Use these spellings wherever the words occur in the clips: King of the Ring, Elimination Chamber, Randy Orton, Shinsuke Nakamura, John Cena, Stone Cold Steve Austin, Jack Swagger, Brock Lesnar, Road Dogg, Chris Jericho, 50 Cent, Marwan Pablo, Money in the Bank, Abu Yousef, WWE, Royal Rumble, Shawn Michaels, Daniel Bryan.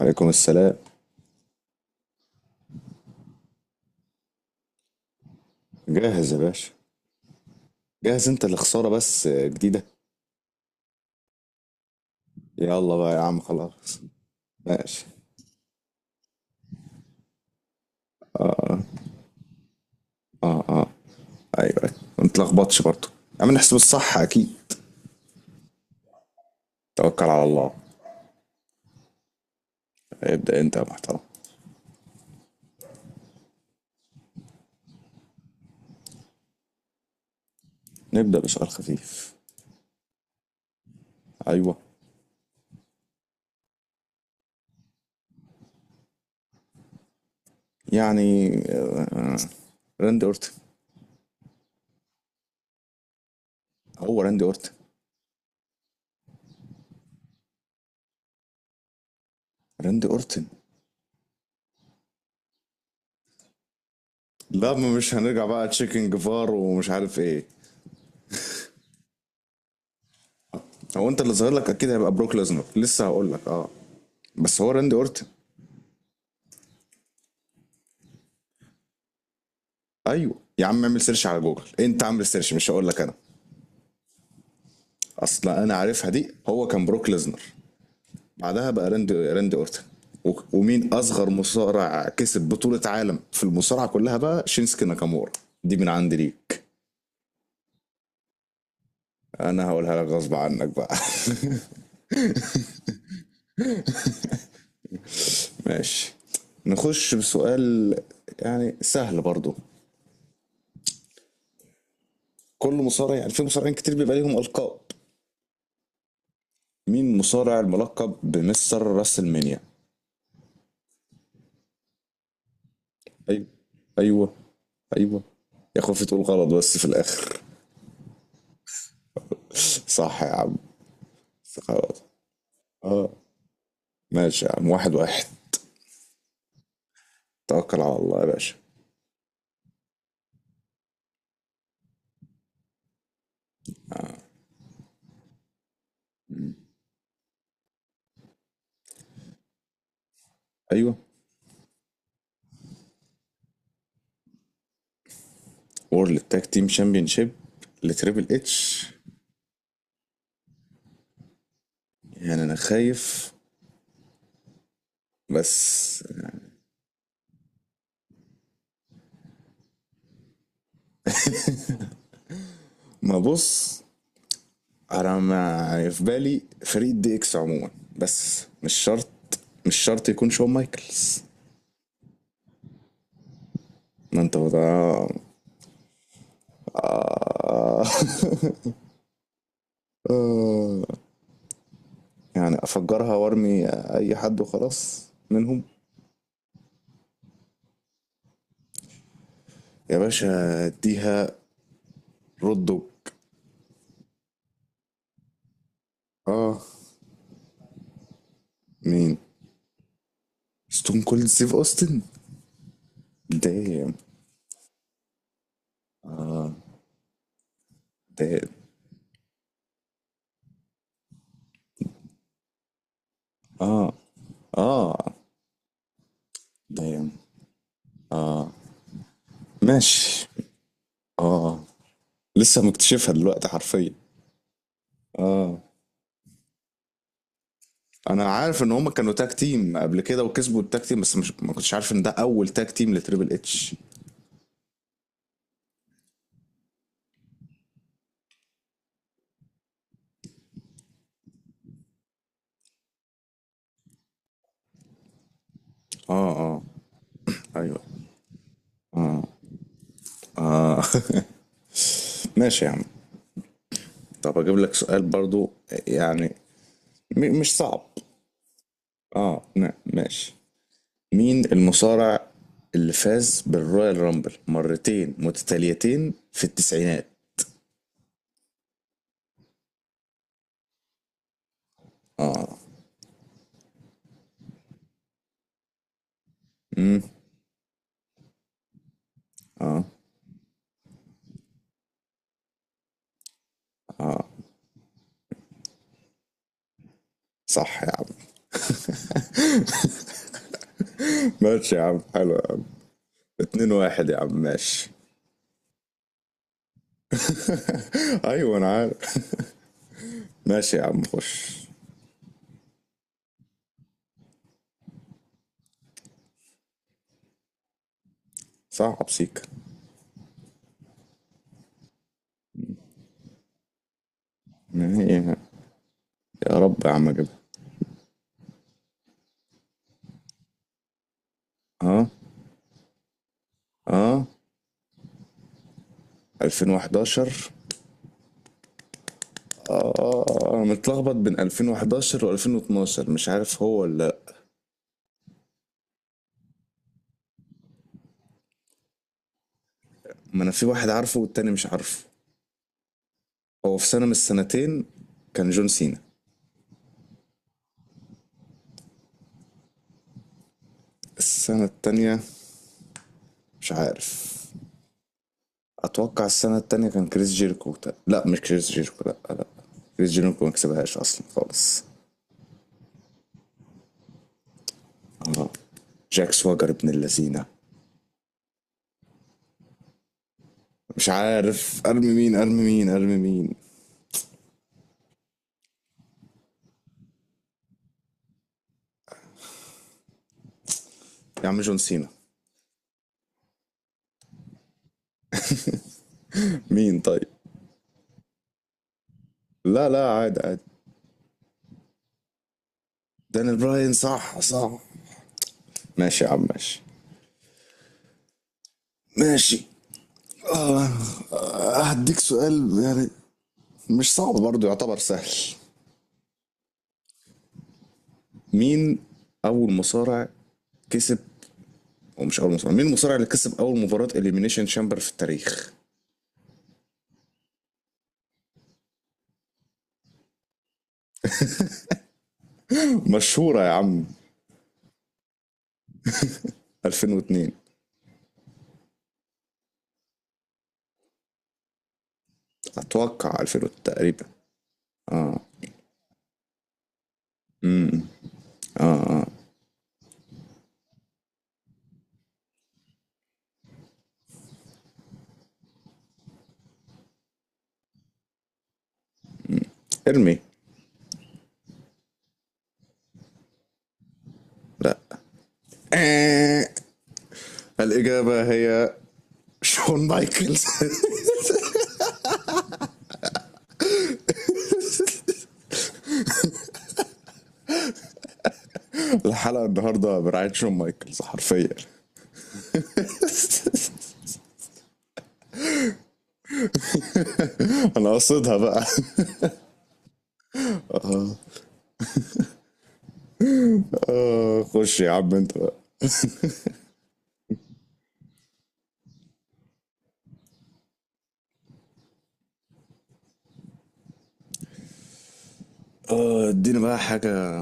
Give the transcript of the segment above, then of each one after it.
عليكم السلام. جاهز يا باشا. جاهز انت لخسارة بس جديدة. يلا بقى يا عم خلاص. ماشي. اه اه اه آه. ايوه ايوه. ما تلخبطش برضه. يا عم نحسب الصح اكيد. توكل على الله. ابدأ انت يا محترم. نبدأ بسؤال خفيف. ايوه. يعني راندي اورتن. هو راندي اورتن. راندي اورتن. لا، ما مش هنرجع بقى تشيكن جيفار ومش عارف ايه. هو انت اللي ظاهر لك اكيد هيبقى بروك ليزنر، لسه هقول لك. اه، بس هو راندي اورتن. ايوه يا عم، اعمل سيرش على جوجل، انت عامل سيرش، مش هقول لك انا. اصلا انا عارفها دي، هو كان بروك ليزنر بعدها بقى راندي اورتن. و- ومين اصغر مصارع كسب بطولة عالم في المصارعة كلها بقى؟ شينسكي ناكامورا. دي من عندي ليك. انا هقولها لك غصب عنك بقى. ماشي. نخش بسؤال يعني سهل برضو. كل مصارع، يعني في مصارعين كتير بيبقى ليهم القاب. مين مصارع الملقب بمستر راسلمانيا؟ ايوه. ايوه. ايوه. يا خوفي تقول غلط بس في الاخر. صح يا عم. خلاص. اه. ماشي يا عم، واحد واحد. توكل على الله يا باشا. ايوه. وورلد تاج تيم شامبيونشيب لتريبل اتش. يعني انا خايف بس. ما بص، انا ما في بالي فريق دي اكس عموما، بس مش شرط. مش شرط يكون شون مايكلز. ما انت بقى. آه. آه. يعني افجرها وارمي اي حد وخلاص منهم. يا باشا اديها. رود دوج. اه. مين؟ ستون كولد ستيف اوستن. دايم. دايم. اه. اه. دايم. ماشي. اه. لسه مكتشفها دلوقتي حرفيا. اه انا عارف ان هما كانوا تاج تيم قبل كده وكسبوا التاج تيم بس مش، ما كنتش عارف ان ده اول تاج تيم لتريبل اتش. اه. اه. ايوه. اه. ماشي يا عم. طب اجيب لك سؤال برضو، يعني مش صعب. اه، نعم، ماشي. مين المصارع اللي فاز بالرويال رامبل مرتين متتاليتين في التسعينات؟ صح يا عم. ماشي يا عم، حلو يا عم. اتنين واحد يا عم، ماشي. ايوه انا عارف. ماشي يا عم، خش. صعب سيكا. ما هي، يا رب يا عم اجيبها. اه. اه. 2011. اه، انا متلخبط بين 2011 و2012، مش عارف هو ولا لأ. ما انا في واحد عارفه والتاني مش عارفه. هو في سنة من السنتين كان جون سينا. السنة التانية مش عارف. أتوقع السنة التانية كان كريس جيريكو. لا، مش كريس جيريكو، لا لا. كريس جيريكو ما كسبهاش أصلا خالص. آه. جاك سواجر ابن اللذينة. مش عارف أرمي مين، أرمي مين، أرمي مين. يا عم جون سينا. مين طيب؟ لا لا، عادي عادي. دانيال براين؟ صح صح. ماشي يا عم ماشي. ماشي. هديك سؤال يعني مش صعب برضه، يعتبر سهل. مين اول مصارع كسب، او مش اول مصارع، مين المصارع اللي كسب اول مباراة اليمينيشن شامبر في التاريخ؟ مشهورة يا عم. 2002. اتوقع 2000 تقريبا. ارمي. لا. آه. الاجابة هي، شون مايكلز. الحلقة النهاردة برعاية شون مايكلز حرفيا. انا قصدها بقى. آه. آه. خش يا عم انت بقى. اه اديني بقى حاجة.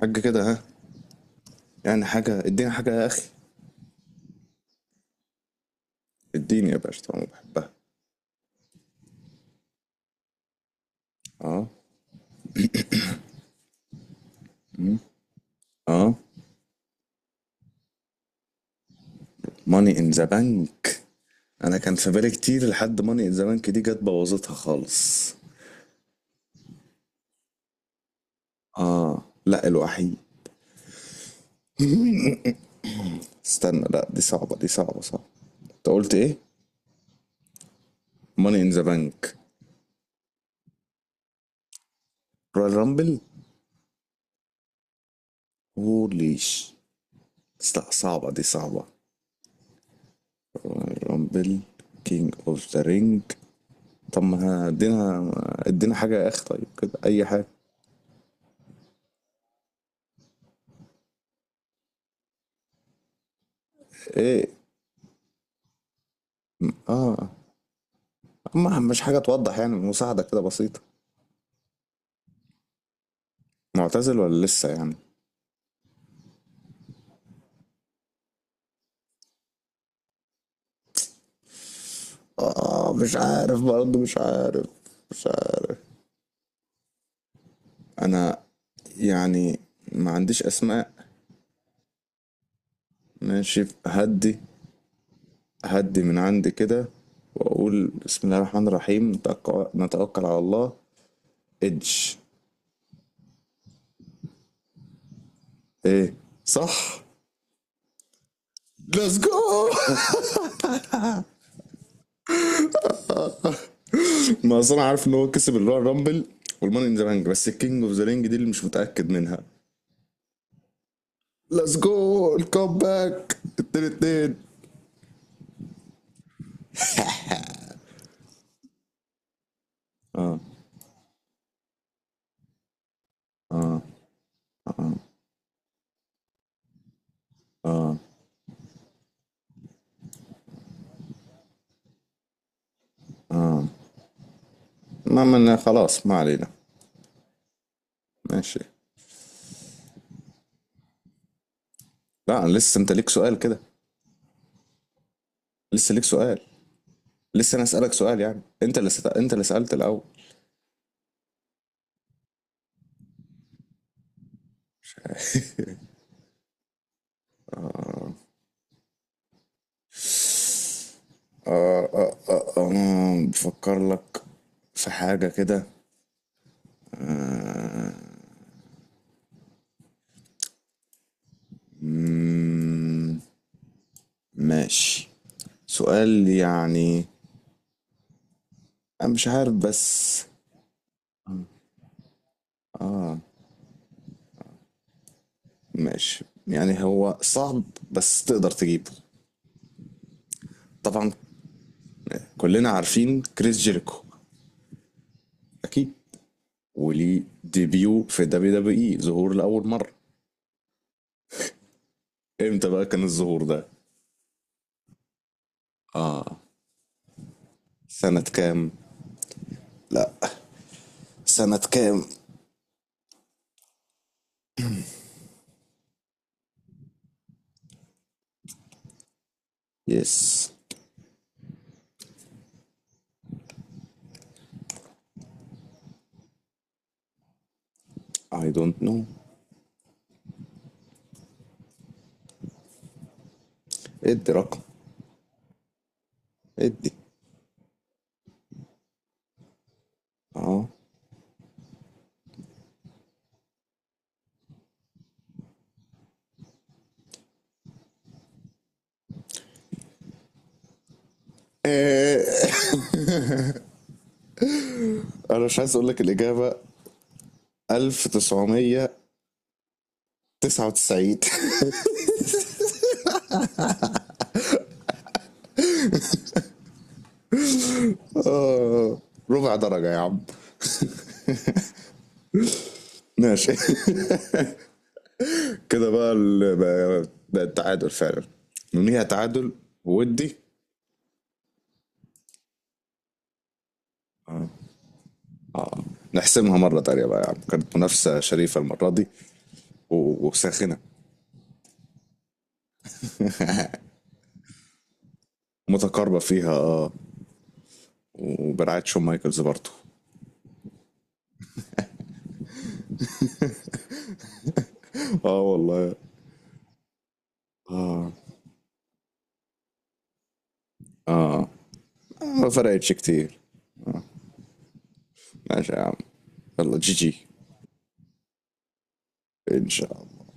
حاجة كده. ها. يعني حاجة، اديني حاجة يا اخي. اديني يا باشا طالما بحبها. اه. اه. ماني ان ذا بانك. انا كان في بالي كتير لحد ماني ان ذا بانك دي، جت بوظتها خالص. اه لا، الوحيد. استنى، لا دي صعبة، دي صعبة صعبة. انت قلت ايه؟ ماني ان ذا بانك. رويال رامبل. هوليش. لا صعبة، دي صعبة. رويال رامبل. كينج اوف ذا رينج. طب ما ادينا، ادينا حاجة يا اخ، طيب كده اي حاجة. ايه. اه. ما مش حاجة توضح، يعني مساعدة كده بسيطة. معتزل ولا لسه يعني؟ آه، مش عارف برضه. مش عارف. مش عارف. انا يعني ما عنديش اسماء. ماشي هدي. هدي من عندي كده. واقول بسم الله الرحمن الرحيم، نتوكل على الله. ادج. ايه؟ صح؟ ليتس جو. ما اصل انا عارف ان هو كسب اللي هو الرامبل والماني ان ذا بانك، بس الكينج اوف ذا رينج دي اللي مش متاكد منها. ليتس جو. الكومباك التاني، اتنين. ما من خلاص، ما علينا. ماشي. لا أنا لسه، انت ليك سؤال كده. لسه ليك سؤال. لسه انا اسالك سؤال، يعني انت اللي انت اللي سالت الاول. آه. بفكر لك في حاجة كده. آه. مم، ماشي. سؤال يعني. أنا مش عارف بس، ماشي يعني هو صعب بس تقدر تجيبه. طبعا. كلنا عارفين كريس جيريكو أكيد. وليه ديبيو في دبليو دبليو اي، ظهور لأول مرة. امتى بقى كان الظهور ده؟ سنة كام؟ لا، سنة كام؟ يس. اي دونت نو. ادي رقم. ادي. اه. إيه. انا مش عايز اقول لك الاجابة. 1999. آه. ربع درجة يا عم. ماشي. كده بقى بقى التعادل فعلا. ننهيها تعادل ودي. آه. نحسمها مرة تانية بقى يا عم، كانت منافسة شريفة المرة دي، وساخنه. متقاربه فيها اه. وبرعايه شون مايكلز برضه. اه والله. اه. اه. ما فرقتش كتير. ماشي يا عم. يلا جي جي. ان شاء الله.